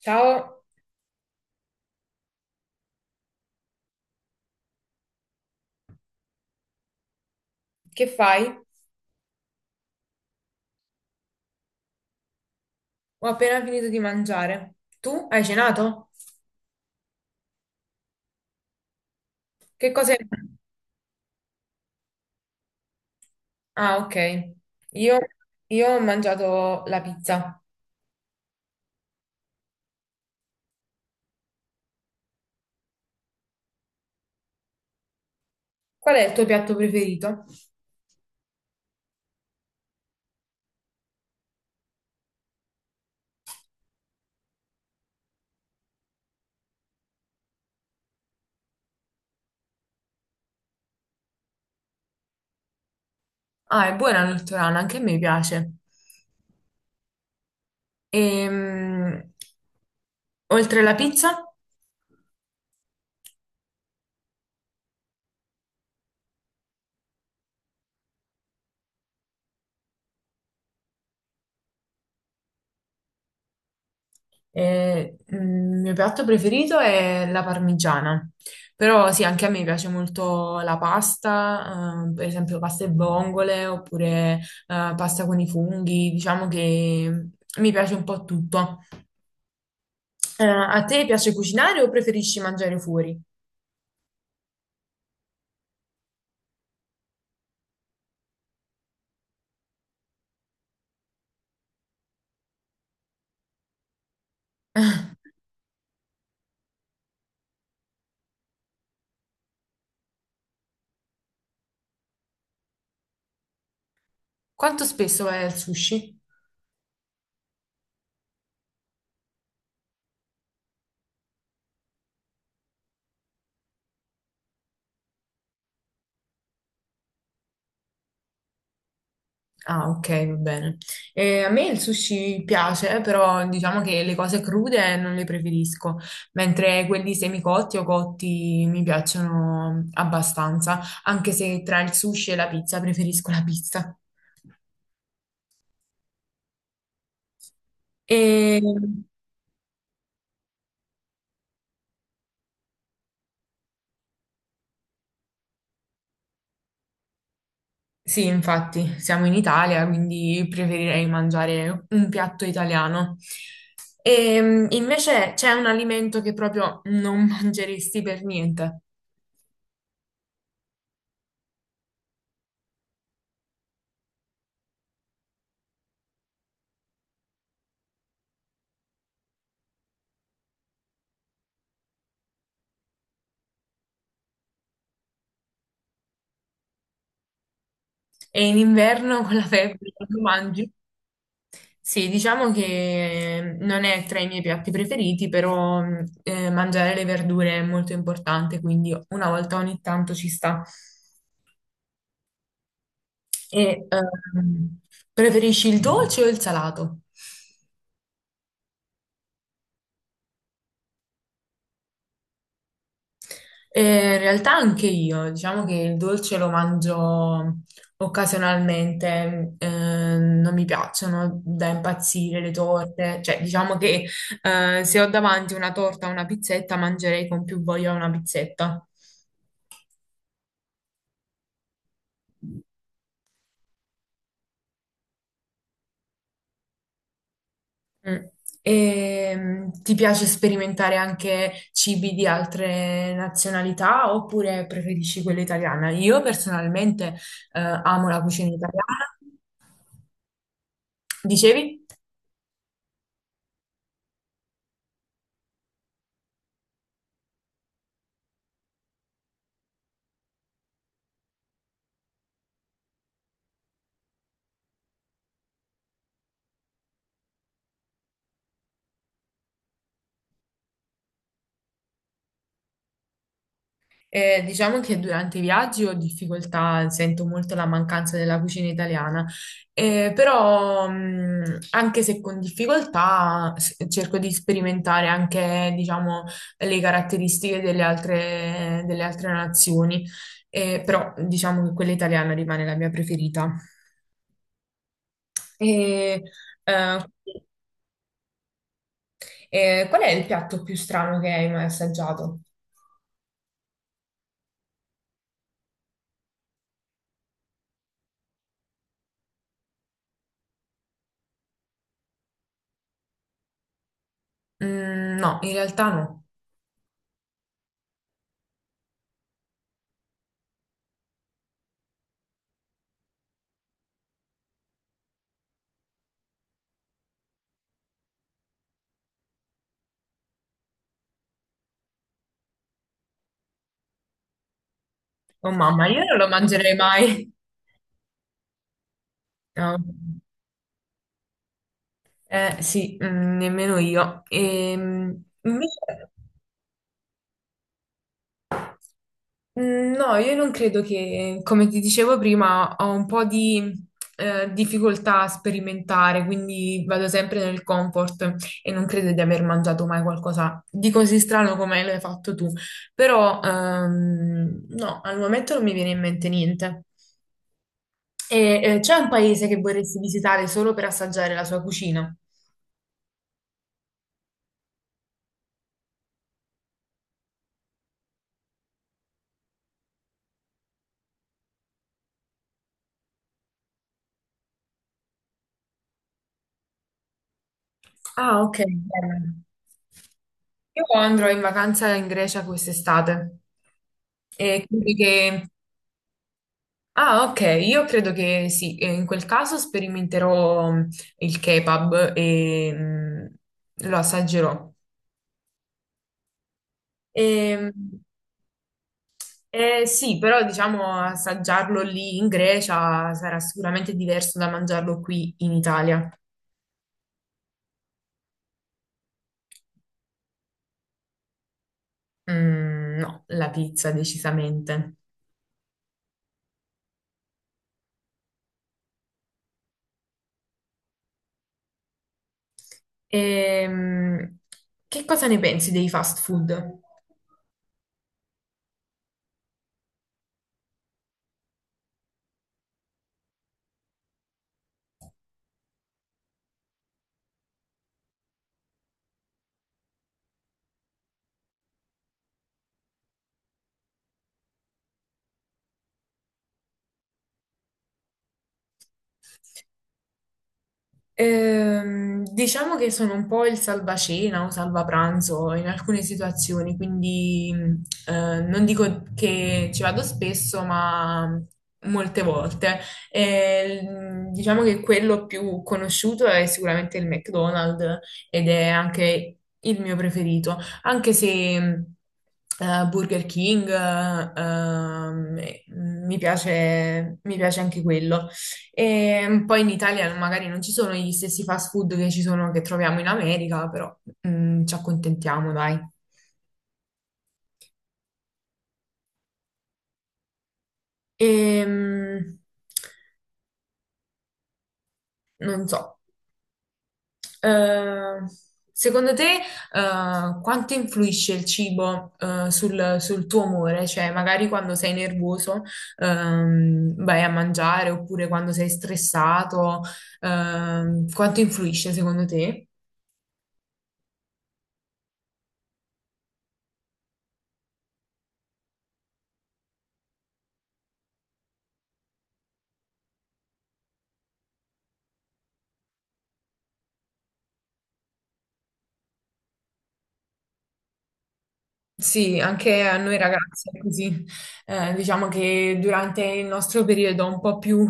Ciao, che fai? Ho appena finito di mangiare. Tu hai cenato? Che cosa hai... Ah, ok. Io, io ho mangiato la pizza. Qual è il tuo piatto preferito? Ah, è buona la l'ortolana, anche a me piace. Ehm, oltre la pizza? Il mio piatto preferito è la parmigiana, però sì, anche a me piace molto la pasta, per esempio pasta e vongole oppure pasta con i funghi, diciamo che mi piace un po' tutto. A te piace cucinare o preferisci mangiare fuori? Quanto spesso vai al sushi? Ah, ok, va bene. A me il sushi piace, però diciamo che le cose crude non le preferisco, mentre quelli semicotti o cotti mi piacciono abbastanza, anche se tra il sushi e la pizza preferisco la pizza. E sì, infatti, siamo in Italia, quindi preferirei mangiare un piatto italiano. E invece c'è un alimento che proprio non mangeresti per niente. E in inverno con la febbre quando mangi? Sì, diciamo che non è tra i miei piatti preferiti, però mangiare le verdure è molto importante, quindi una volta ogni tanto ci sta. E ehm, Preferisci il dolce o il salato? In realtà anche io, diciamo che il dolce lo mangio occasionalmente, non mi piacciono da impazzire le torte, cioè diciamo che se ho davanti una torta o una pizzetta mangerei con più voglia una pizzetta. Mm. E, ti piace sperimentare anche cibi di altre nazionalità oppure preferisci quella italiana? Io personalmente amo la cucina italiana. Dicevi? Diciamo che durante i viaggi ho difficoltà, sento molto la mancanza della cucina italiana. Però anche se con difficoltà cerco di sperimentare anche, diciamo, le caratteristiche delle altre nazioni. Però diciamo che quella italiana rimane la mia preferita. E, eh, Qual è il piatto più strano che hai mai assaggiato? Mm, no, in realtà no. Oh mamma, io non lo mangerei mai. No. Eh sì, nemmeno io. Invece, mm, no, io non credo che, come ti dicevo prima, ho un po' di difficoltà a sperimentare, quindi vado sempre nel comfort e non credo di aver mangiato mai qualcosa di così strano come l'hai fatto tu. Però, no, al momento non mi viene in mente niente. C'è un paese che vorresti visitare solo per assaggiare la sua cucina? Ah, ok, bello. Io andrò in vacanza in Grecia quest'estate. E quindi che... Ah, ok, io credo che sì, e in quel caso sperimenterò il kebab e lo assaggerò. E, sì, però diciamo assaggiarlo lì in Grecia sarà sicuramente diverso da mangiarlo qui in Italia. Mm, no, la pizza decisamente. Ehm, che cosa ne pensi dei fast food? Diciamo che sono un po' il salvacena o salvapranzo in alcune situazioni, quindi non dico che ci vado spesso, ma molte volte. Diciamo che quello più conosciuto è sicuramente il McDonald's ed è anche il mio preferito, anche se Burger King mi piace anche quello. E poi in Italia magari non ci sono gli stessi fast food che ci sono, che troviamo in America, però ci accontentiamo, dai. Ehm, Non so. Eh, Secondo te, quanto influisce il cibo, sul tuo umore? Cioè, magari quando sei nervoso, vai a mangiare, oppure quando sei stressato, quanto influisce secondo te? Sì, anche a noi ragazzi è così. Diciamo che durante il nostro periodo un po' più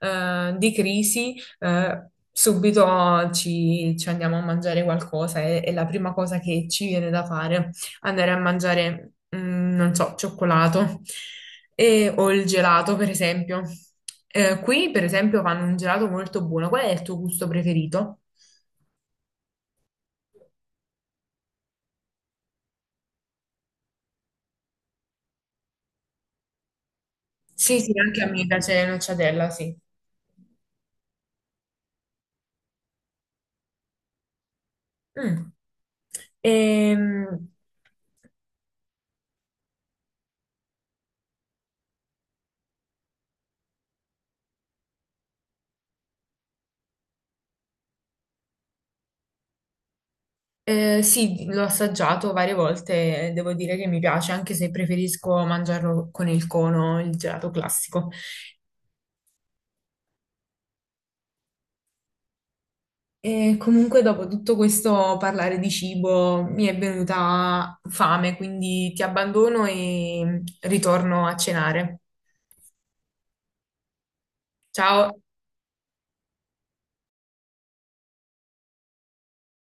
di crisi, subito ci andiamo a mangiare qualcosa e la prima cosa che ci viene da fare andare a mangiare, mm, non so, cioccolato o il gelato, per esempio. Qui, per esempio, fanno un gelato molto buono. Qual è il tuo gusto preferito? Sì, sì, anche a me piace la nocciadella, sì. Mm. Ehm, sì, l'ho assaggiato varie volte e devo dire che mi piace, anche se preferisco mangiarlo con il cono, il gelato classico. E comunque, dopo tutto questo parlare di cibo, mi è venuta fame, quindi ti abbandono e ritorno a cenare. Ciao!